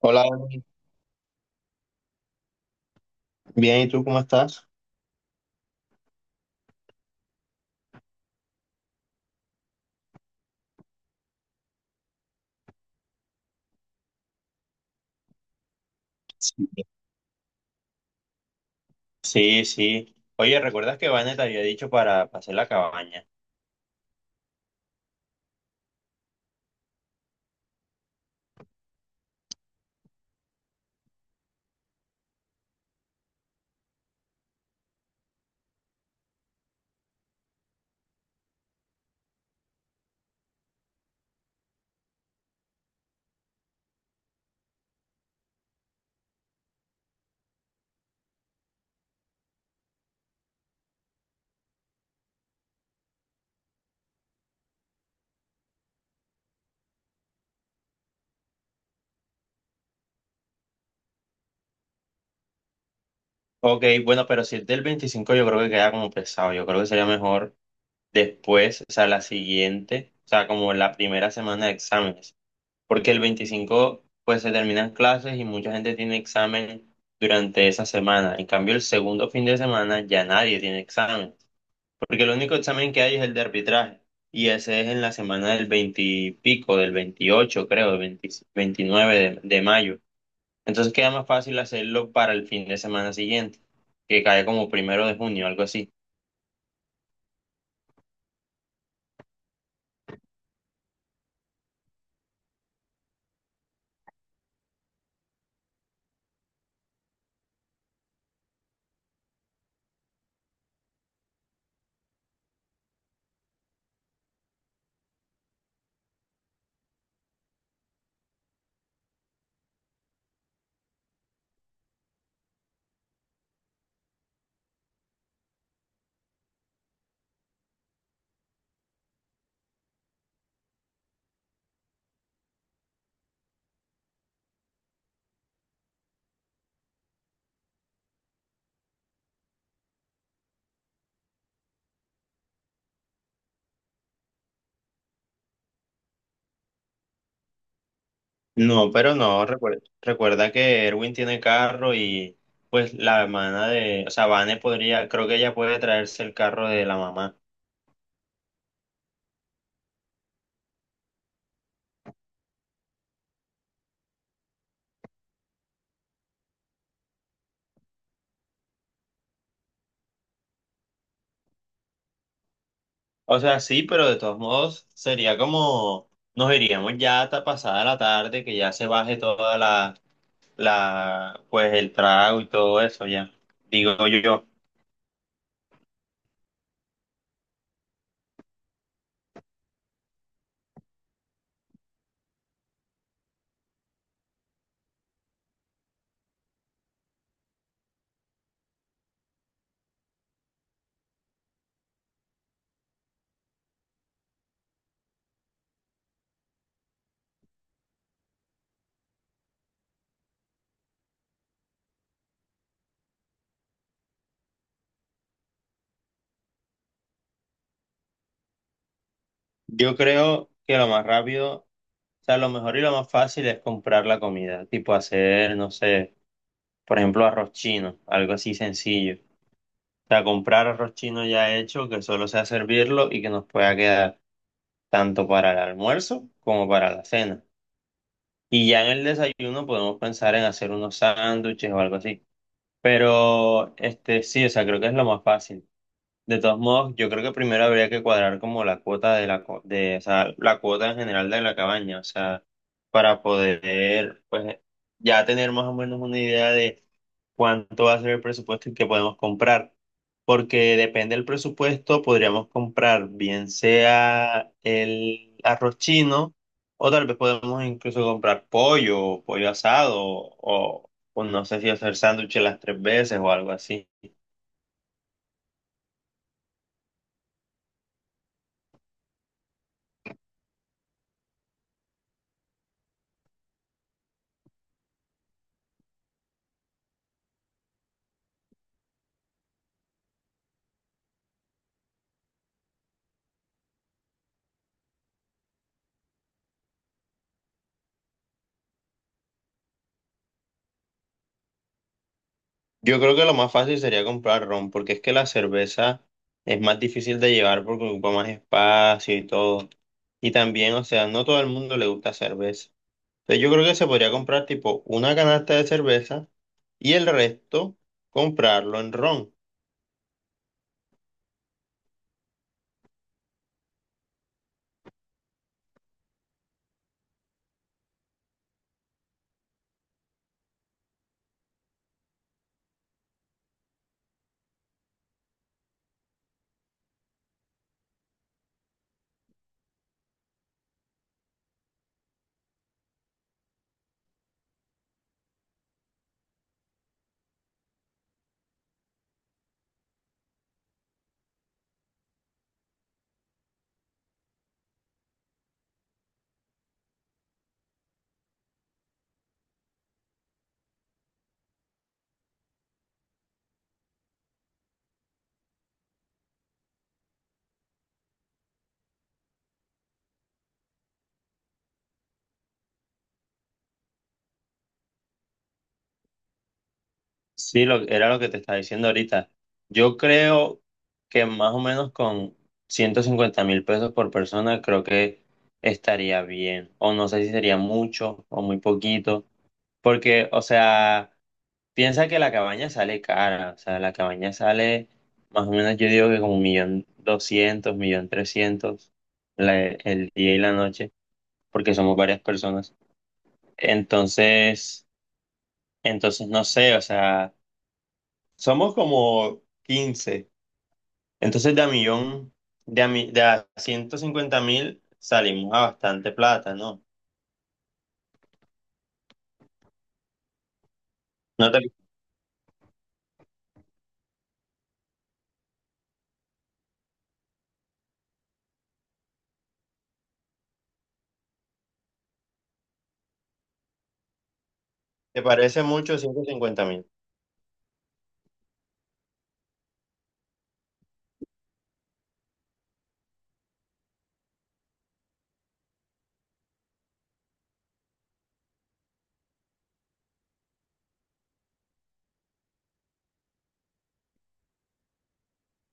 Hola, Dani. Bien, ¿y tú cómo estás? Sí, sí, sí. Oye, ¿recuerdas que Vanet había dicho para hacer la cabaña? Ok, bueno, pero si es del 25 yo creo que queda como pesado. Yo creo que sería mejor después, o sea, la siguiente, o sea, como la primera semana de exámenes. Porque el 25 pues se terminan clases y mucha gente tiene examen durante esa semana. En cambio, el segundo fin de semana ya nadie tiene examen. Porque el único examen que hay es el de arbitraje. Y ese es en la semana del 20 y pico, del 28, creo, del 20 29 de mayo. Entonces queda más fácil hacerlo para el fin de semana siguiente, que cae como primero de junio, algo así. No, pero no, recuerda que Erwin tiene carro y pues la hermana de, o sea, Vane podría, creo que ella puede traerse el carro de la mamá. O sea, sí, pero de todos modos sería como, nos iríamos ya hasta pasada la tarde, que ya se baje toda la, pues el trago y todo eso ya. Digo yo, yo creo que lo más rápido, o sea, lo mejor y lo más fácil es comprar la comida, tipo hacer, no sé, por ejemplo, arroz chino, algo así sencillo. O sea, comprar arroz chino ya hecho, que solo sea servirlo y que nos pueda quedar tanto para el almuerzo como para la cena. Y ya en el desayuno podemos pensar en hacer unos sándwiches o algo así. Pero, este, sí, o sea, creo que es lo más fácil. De todos modos, yo creo que primero habría que cuadrar como la cuota de, o sea, la cuota en general de la cabaña, o sea, para poder, pues, ya tener más o menos una idea de cuánto va a ser el presupuesto y qué podemos comprar. Porque depende del presupuesto, podríamos comprar bien sea el arroz chino, o tal vez podemos incluso comprar pollo, pollo asado, o no sé si hacer sándwiches las tres veces o algo así. Yo creo que lo más fácil sería comprar ron, porque es que la cerveza es más difícil de llevar porque ocupa más espacio y todo. Y también, o sea, no todo el mundo le gusta cerveza. Entonces yo creo que se podría comprar tipo una canasta de cerveza y el resto comprarlo en ron. Sí, lo, era lo que te estaba diciendo ahorita. Yo creo que más o menos con 150.000 pesos por persona creo que estaría bien. O no sé si sería mucho o muy poquito. Porque, o sea, piensa que la cabaña sale cara, o sea, la cabaña sale más o menos, yo digo que como un millón doscientos, millón trescientos la- el día y la noche, porque somos varias personas. Entonces, entonces, no sé, o sea, somos como 15. Entonces de a millón, de a 150.000 salimos a bastante plata, ¿no? ¿No te parece mucho 150?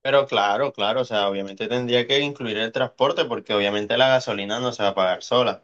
Pero claro, claro, o sea, obviamente tendría que incluir el transporte porque obviamente la gasolina no se va a pagar sola.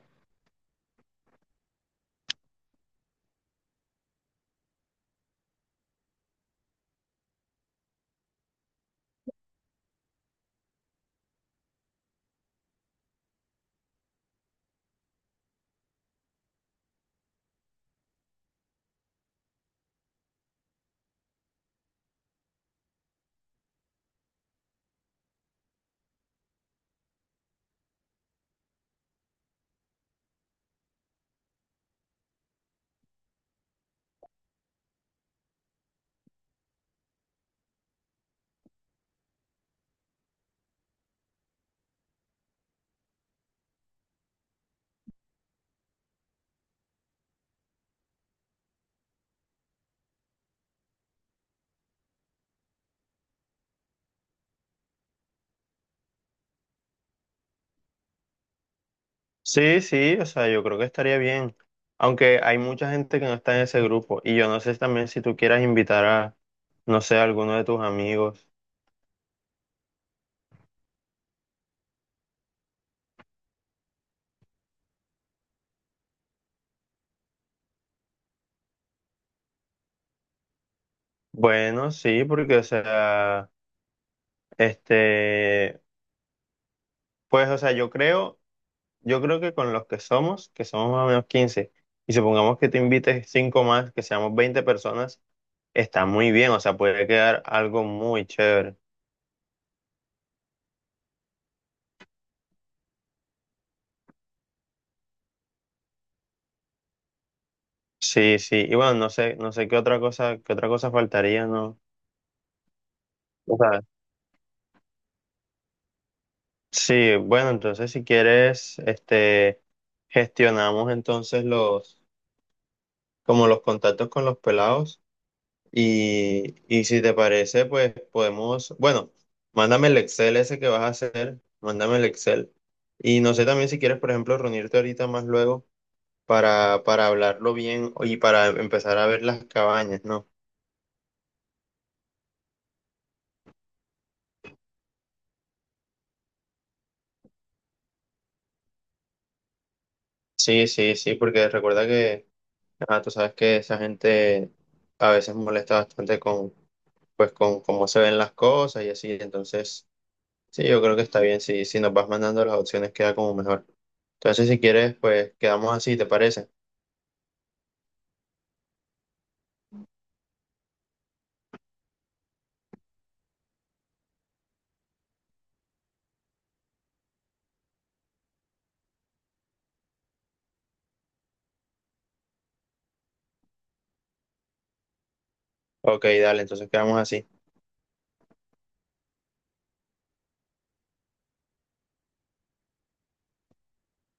Sí, sí, o sea, yo creo que estaría bien. Aunque hay mucha gente que no está en ese grupo y yo no sé también si tú quieras invitar a, no sé, a alguno de tus amigos. Bueno, sí, porque, o sea, este, pues, o sea, yo creo que con los que somos más o menos 15 y supongamos que te invites cinco más, que seamos 20 personas, está muy bien, o sea, puede quedar algo muy chévere. Sí, sí, y bueno, no sé, no sé qué otra cosa faltaría, ¿no? O sea, sí, bueno, entonces si quieres, este, gestionamos entonces los, como los contactos con los pelados y si te parece, pues podemos, bueno, mándame el Excel ese que vas a hacer, mándame el Excel y no sé también si quieres, por ejemplo, reunirte ahorita más luego para hablarlo bien y para empezar a ver las cabañas, ¿no? Sí, sí, sí, porque recuerda que, ah, tú sabes que esa gente a veces molesta bastante con, pues, con cómo se ven las cosas y así. Entonces, sí, yo creo que está bien. Si nos vas mandando las opciones, queda como mejor. Entonces, si quieres, pues quedamos así, ¿te parece? Ok, dale, entonces quedamos así.